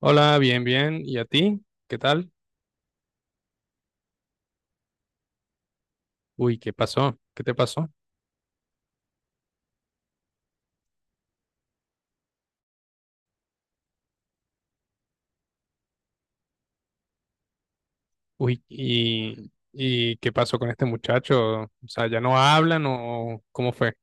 Hola, bien, bien. ¿Y a ti? ¿Qué tal? Uy, ¿qué pasó? ¿Qué te pasó? Uy, ¿y qué pasó con este muchacho? O sea, ¿ya no hablan o cómo fue?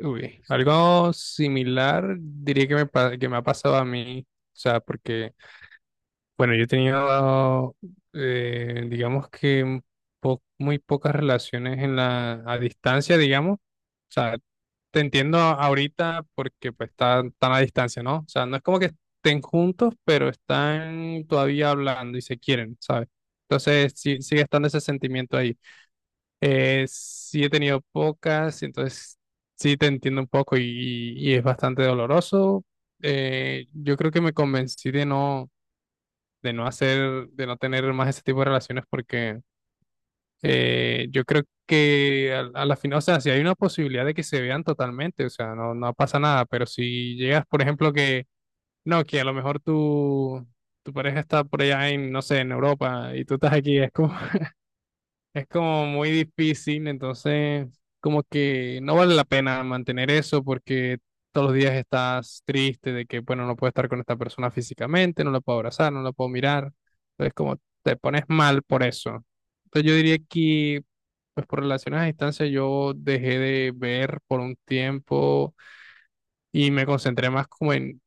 Uy, algo similar diría que que me ha pasado a mí. O sea, porque, bueno, yo he tenido, digamos que muy pocas relaciones en a distancia, digamos. O sea, te entiendo ahorita porque pues están tan a distancia, ¿no? O sea, no es como que estén juntos, pero están todavía hablando y se quieren, ¿sabes? Entonces sí, sigue estando ese sentimiento ahí. Sí he tenido pocas, entonces sí te entiendo un poco y es bastante doloroso. Yo creo que me convencí de no hacer, de no tener más ese tipo de relaciones porque yo creo que a la final, o sea, si hay una posibilidad de que se vean totalmente, o sea, no, no pasa nada, pero si llegas, por ejemplo, que no, que a lo mejor tu pareja está por allá en, no sé, en Europa y tú estás aquí, es como muy difícil, entonces como que no vale la pena mantener eso porque todos los días estás triste de que, bueno, no puedo estar con esta persona físicamente, no la puedo abrazar, no la puedo mirar. Entonces como te pones mal por eso. Entonces yo diría que, pues por relaciones a distancia, yo dejé de ver por un tiempo y me concentré más como en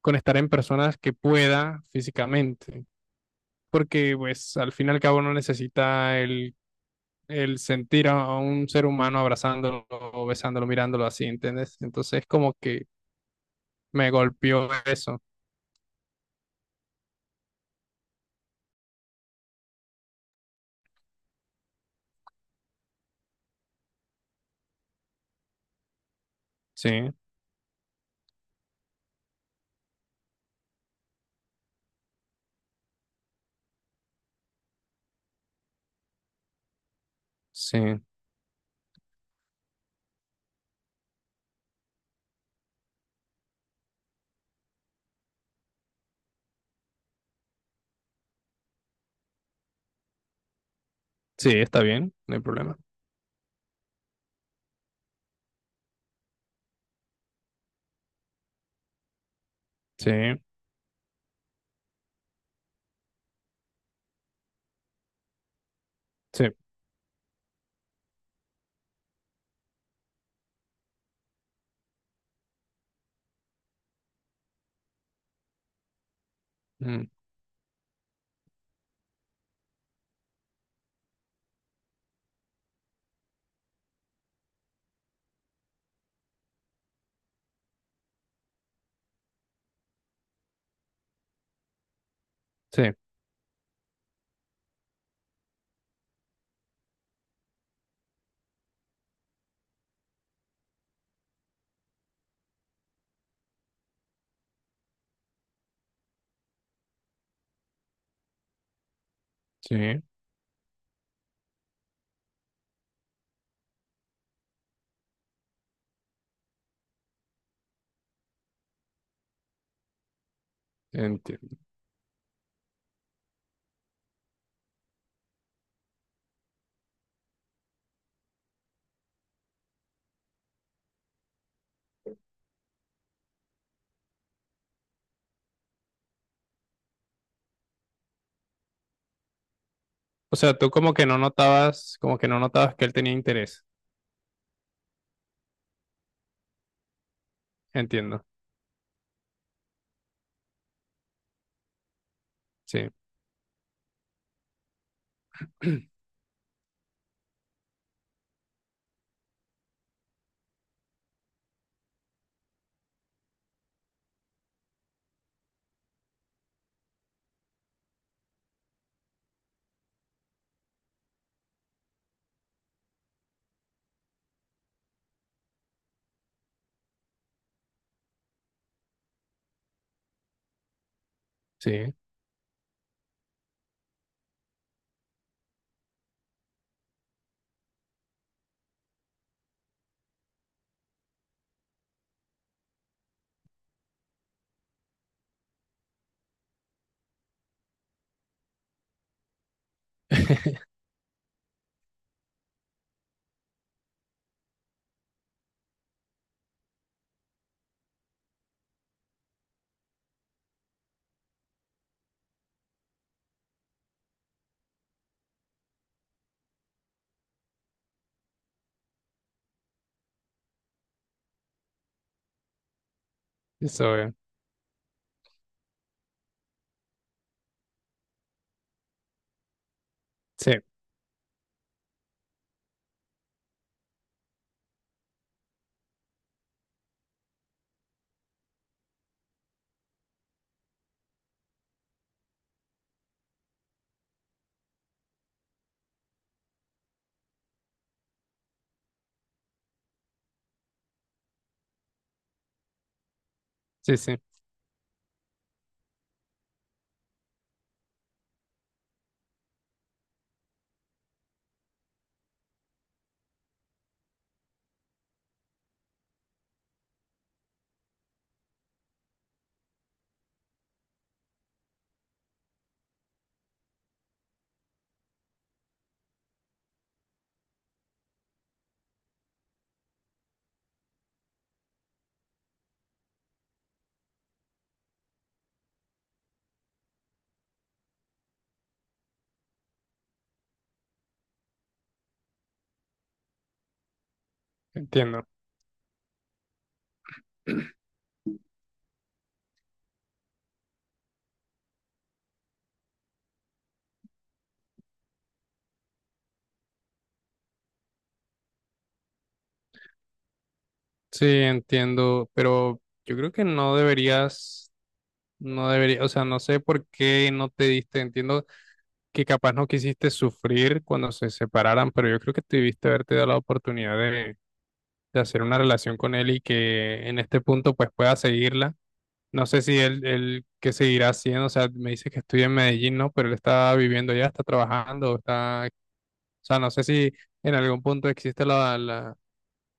con estar en personas que pueda físicamente. Porque pues al fin y al cabo no necesita el sentir a un ser humano abrazándolo, besándolo, mirándolo así, ¿entiendes? Entonces como que me golpeó eso. Sí, sí, sí, está bien, no hay problema. Sí, sí, mm, sí, sí, entiendo. O sea, tú como que no notabas, como que no notabas que él tenía interés, entiendo. Sí, sí, eso, sí, sí, sí, entiendo. Sí, entiendo, pero yo creo que no deberías, no debería, o sea, no sé por qué no te diste, entiendo que capaz no quisiste sufrir cuando se separaran, pero yo creo que debiste haberte dado la oportunidad de hacer una relación con él y que en este punto pues pueda seguirla. No sé si él qué seguirá haciendo, o sea, me dice que estudia en Medellín, ¿no? Pero él está viviendo allá está trabajando, está, o sea, no sé si en algún punto existe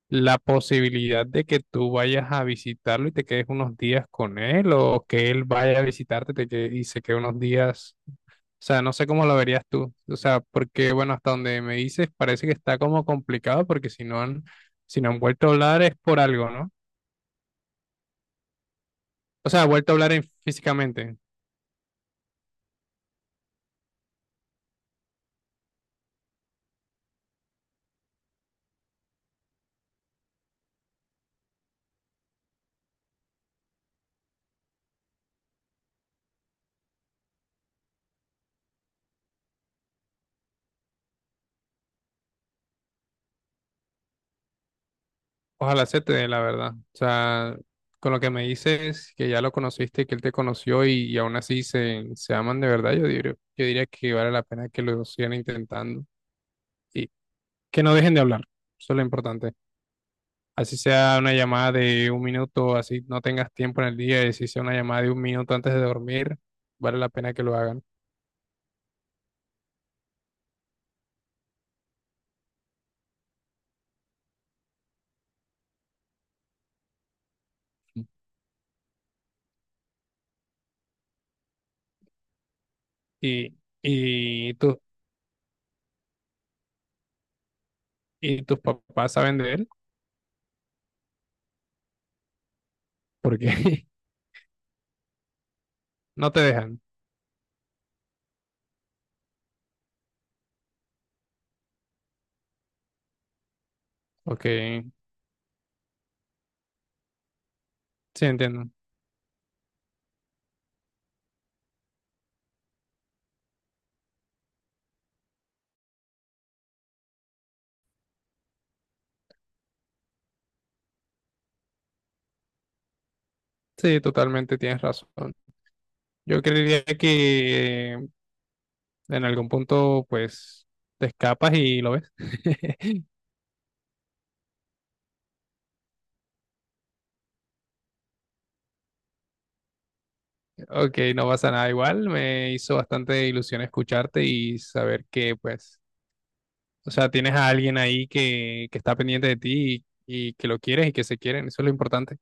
la posibilidad de que tú vayas a visitarlo y te quedes unos días con él, o que él vaya a y se quede unos días, o sea, no sé cómo lo verías tú, o sea, porque, bueno, hasta donde me dices parece que está como complicado, porque si no han vuelto a hablar es por algo, ¿no? O sea, vuelto a hablar en- físicamente. Ojalá se te dé la verdad. O sea, con lo que me dices, que ya lo conociste, que él te conoció y aún así se aman de verdad, yo diría que vale la pena que lo sigan intentando y que no dejen de hablar. Eso es lo importante. Así sea una llamada de 1 minuto, así no tengas tiempo en el día, y si sea una llamada de 1 minuto antes de dormir, vale la pena que lo hagan. Y, y, tu- y tus papás saben de él porque no te dejan. Ok, sí, entiendo. Sí, totalmente tienes razón. Yo creería que en algún punto, pues, te escapas y lo ves. Ok, no pasa nada igual. Me hizo bastante ilusión escucharte y saber que, pues, o sea, tienes a alguien ahí que está pendiente de ti y que lo quieres y que se quieren. Eso es lo importante.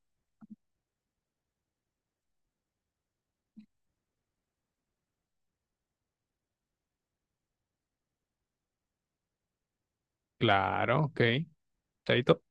Claro, ok. Chaito.